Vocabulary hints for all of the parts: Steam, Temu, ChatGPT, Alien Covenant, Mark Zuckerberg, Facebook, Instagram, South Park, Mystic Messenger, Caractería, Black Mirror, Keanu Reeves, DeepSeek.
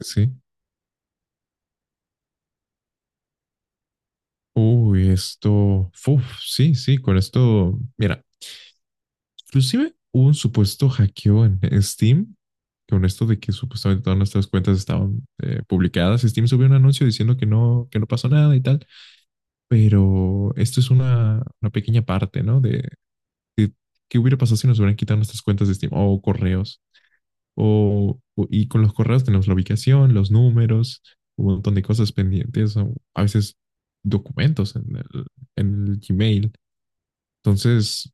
Sí. Uy, esto. Uf, sí, sí, con esto. Mira, inclusive hubo un supuesto hackeo en Steam, con esto de que supuestamente todas nuestras cuentas estaban publicadas. Steam subió un anuncio diciendo que no pasó nada y tal. Pero esto es una pequeña parte, ¿no? De qué hubiera pasado si nos hubieran quitado nuestras cuentas de Steam o correos. Y con los correos tenemos la ubicación, los números, un montón de cosas pendientes, o a veces documentos en el Gmail. Entonces,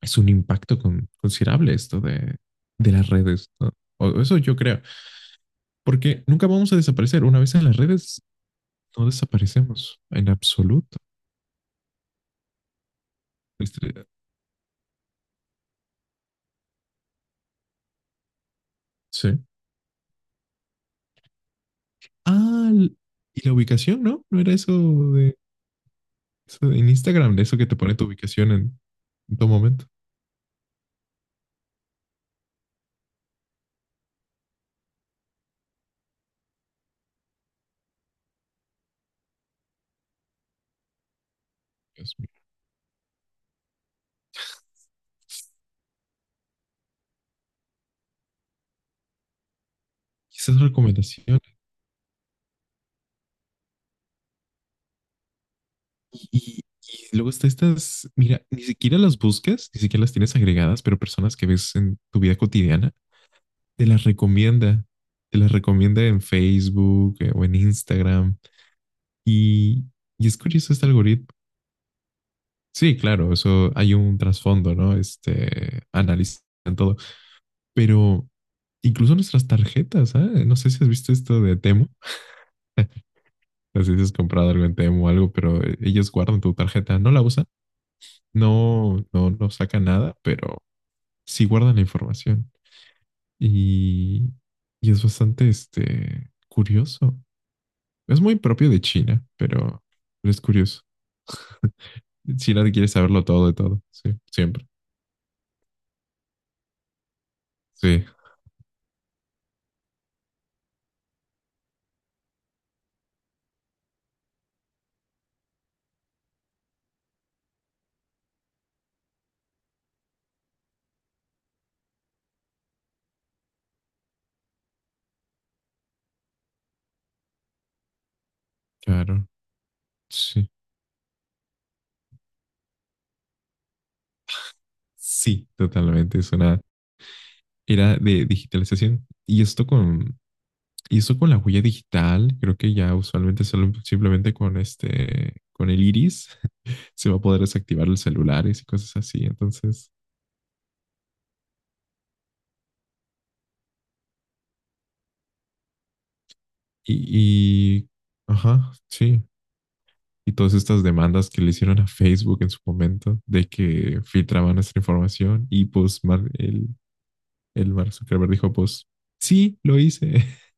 es un impacto considerable esto de las redes, ¿no? O eso yo creo, porque nunca vamos a desaparecer. Una vez en las redes, no desaparecemos en absoluto. Este, Sí. Ah, l- y la ubicación, ¿no? No era eso de, en Instagram, de eso que te pone tu ubicación en todo momento. Dios mío. Y esas recomendaciones. Y, y- y luego está estas, mira, ni siquiera las buscas, ni siquiera las tienes agregadas, pero personas que ves en tu vida cotidiana te las recomienda, te las recomienda en Facebook, o en Instagram. Y, y es curioso este algoritmo. Sí, claro, eso hay un trasfondo, ¿no? Analizan todo, pero incluso nuestras tarjetas, ¿eh? No sé si has visto esto de Temu. No sé si has comprado algo en Temu o algo, pero ellos guardan tu tarjeta, no la usan, no, no, no sacan nada, pero sí guardan la información. Y, y es bastante, curioso. Es muy propio de China, pero es curioso. China quiere saberlo todo de todo, sí, siempre. Sí, claro, sí, sí, totalmente. Es una era de digitalización y esto con la huella digital, creo que ya usualmente simplemente con con el iris se va a poder desactivar los celulares y cosas así. Entonces, y, y ajá, sí, y todas estas demandas que le hicieron a Facebook en su momento de que filtraban nuestra información y pues el Mark Zuckerberg dijo pues sí, lo hice.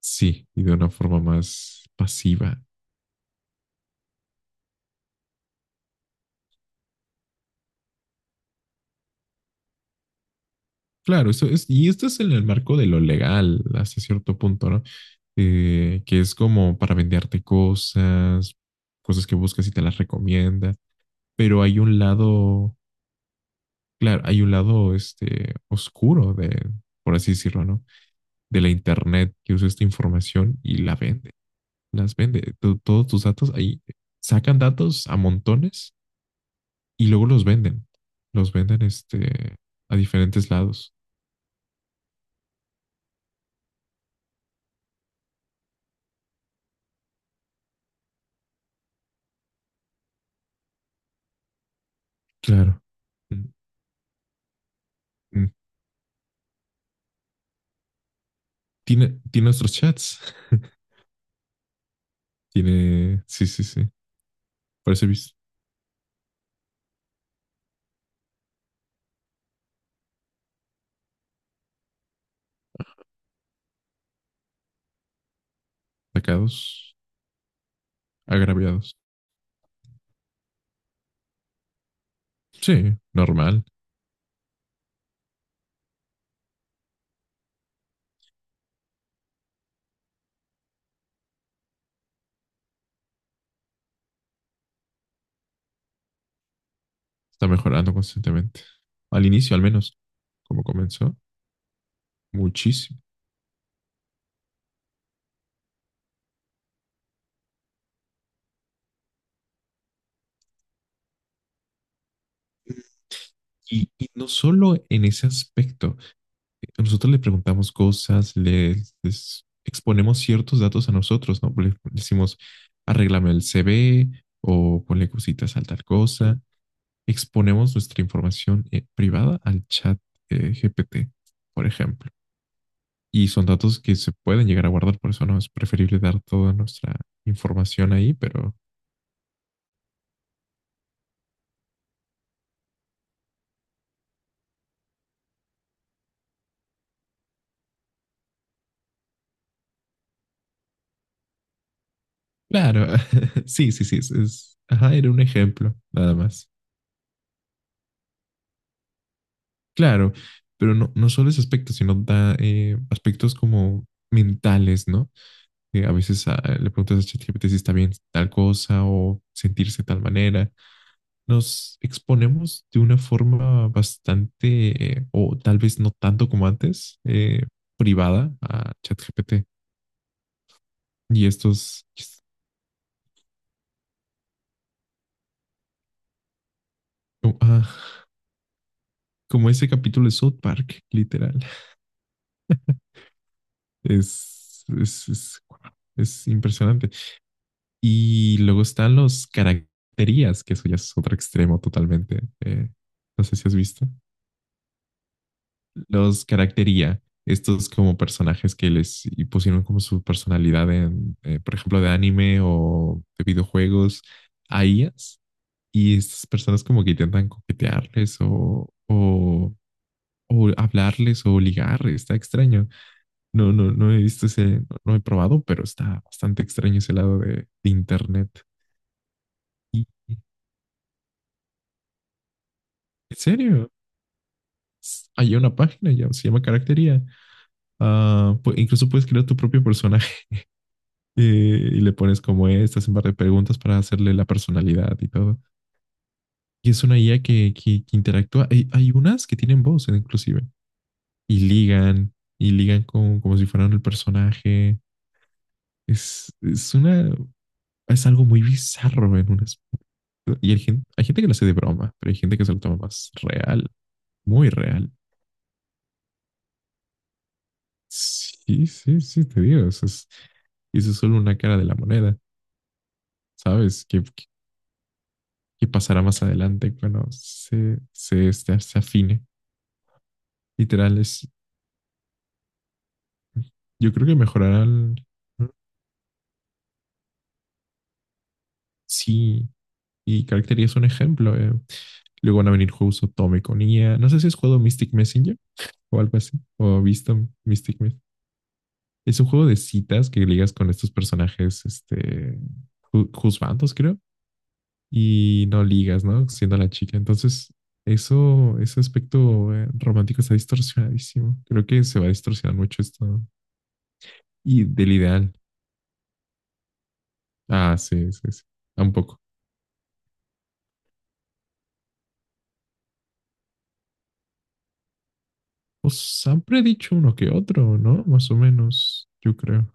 Sí, y de una forma más pasiva. Claro, eso es, y esto es en el marco de lo legal hasta cierto punto, ¿no? Que es como para venderte cosas, cosas que buscas y te las recomienda, pero hay un lado, claro, hay un lado oscuro de, por así decirlo, ¿no? De la internet que usa esta información y la vende, las vende. Todos tus datos ahí sacan datos a montones y luego los venden. Los venden, a diferentes lados. Claro. Mm, mm. Tiene nuestros chats. Tiene, sí, sí, sí. Parece sacados, agraviados. Sí, normal. Está mejorando constantemente. Al inicio, al menos, como comenzó, muchísimo. Y no solo en ese aspecto. Nosotros le preguntamos cosas, le les exponemos ciertos datos a nosotros, ¿no? Le decimos, arréglame el CV o ponle cositas a tal cosa. Exponemos nuestra información, privada al chat, GPT, por ejemplo. Y son datos que se pueden llegar a guardar, por eso no es preferible dar toda nuestra información ahí, pero claro. Sí, sí, sí, ajá, era un ejemplo, nada más. Claro, pero no, no solo ese aspecto, sino da aspectos como mentales, ¿no? A veces, le preguntas a ChatGPT si está bien tal cosa o sentirse de tal manera. Nos exponemos de una forma bastante, o tal vez no tanto como antes, privada a ChatGPT. Y estos, como, como ese capítulo de South Park, literal, es, es, es, es impresionante. Y luego están los caracterías, que eso ya es otro extremo totalmente. No sé si has visto. Los caractería, estos como personajes que les y pusieron como su personalidad en, por ejemplo, de anime o de videojuegos a IAs. Y estas personas como que intentan coquetearles o hablarles o ligar. Está extraño. No, no, no he visto ese, no, no he probado, pero está bastante extraño ese lado de internet. Y- ¿En serio? Hay una página ya, se llama Caractería. Ah, incluso puedes crear tu propio personaje. Y le pones como es, te hacen par de preguntas para hacerle la personalidad y todo. Y es una IA que interactúa. Hay unas que tienen voz, inclusive, y ligan con, como si fueran el personaje. Es, es una, es algo muy bizarro en un aspecto. Y hay gente que lo hace de broma, pero hay gente que se lo toma más real, muy real. Sí, sí, sí, te digo, eso es solo una cara de la moneda. ¿Sabes? ¿Qué pasará más adelante cuando se afine? Literal, yo creo que mejorarán. Mm. Sí, y Caracteria es un ejemplo. Luego van a venir juegos Otome con I a. No sé si has jugado Mystic Messenger o algo así, o visto Mystic Messenger. Es un juego de citas que ligas con estos personajes, juzbandos, creo. Y no ligas, ¿no? Siendo la chica. Entonces, ese aspecto, romántico, está distorsionadísimo. Creo que se va a distorsionar mucho esto, ¿no? Y del ideal. Ah, sí, sí, sí. Tampoco. Os han predicho uno que otro, ¿no? Más o menos, yo creo.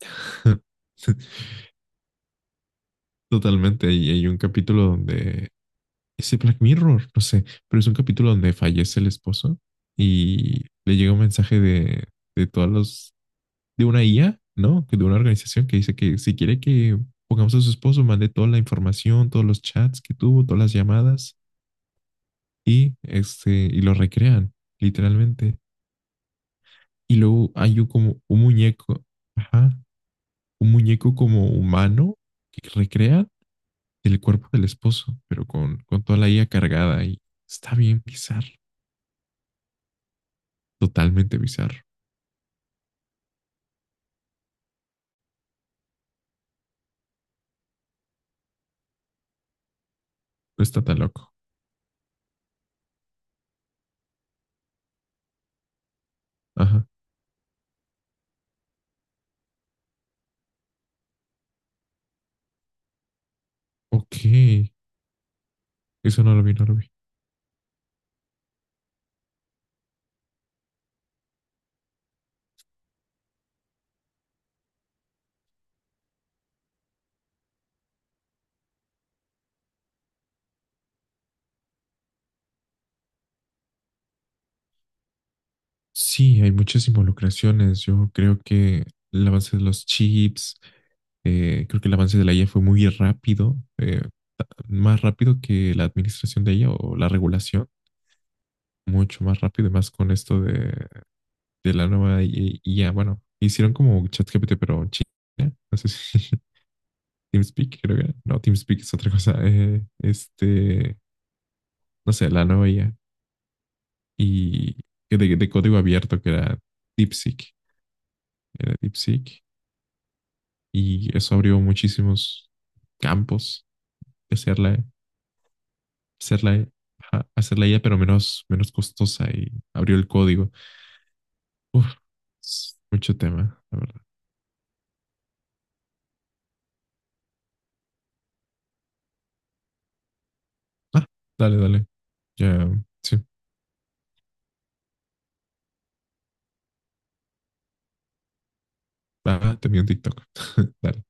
Totalmente. Y hay un capítulo donde... Ese Black Mirror, no sé, pero es un capítulo donde fallece el esposo y le llega un mensaje de todos los, de una IA, ¿no? Que de una organización que dice que si quiere que pongamos a su esposo, mande toda la información, todos los chats que tuvo, todas las llamadas y lo recrean, literalmente. Y luego hay como un muñeco, ajá, un muñeco como humano que recrea el cuerpo del esposo, pero con toda la IA cargada y está bien bizarro, totalmente bizarro. No está tan loco. Ajá. Ok. Eso no lo vi, no lo vi. Sí, hay muchas involucraciones. Yo creo que el avance de los chips, creo que el avance de la IA fue muy rápido, más rápido que la administración de ella o la regulación, mucho más rápido, y más con esto de la nueva IA. Bueno, hicieron como ChatGPT, pero China, no sé si TeamSpeak, creo que era. No, TeamSpeak es otra cosa. No sé, la nueva IA y que de código abierto que era DeepSeek. Era DeepSeek y eso abrió muchísimos campos de ser la- ajá, hacerla ella, pero menos costosa y abrió el código. Uf, es mucho tema, la verdad. Ah, dale, dale. Ya, sí. Ah, te vi un TikTok. Dale.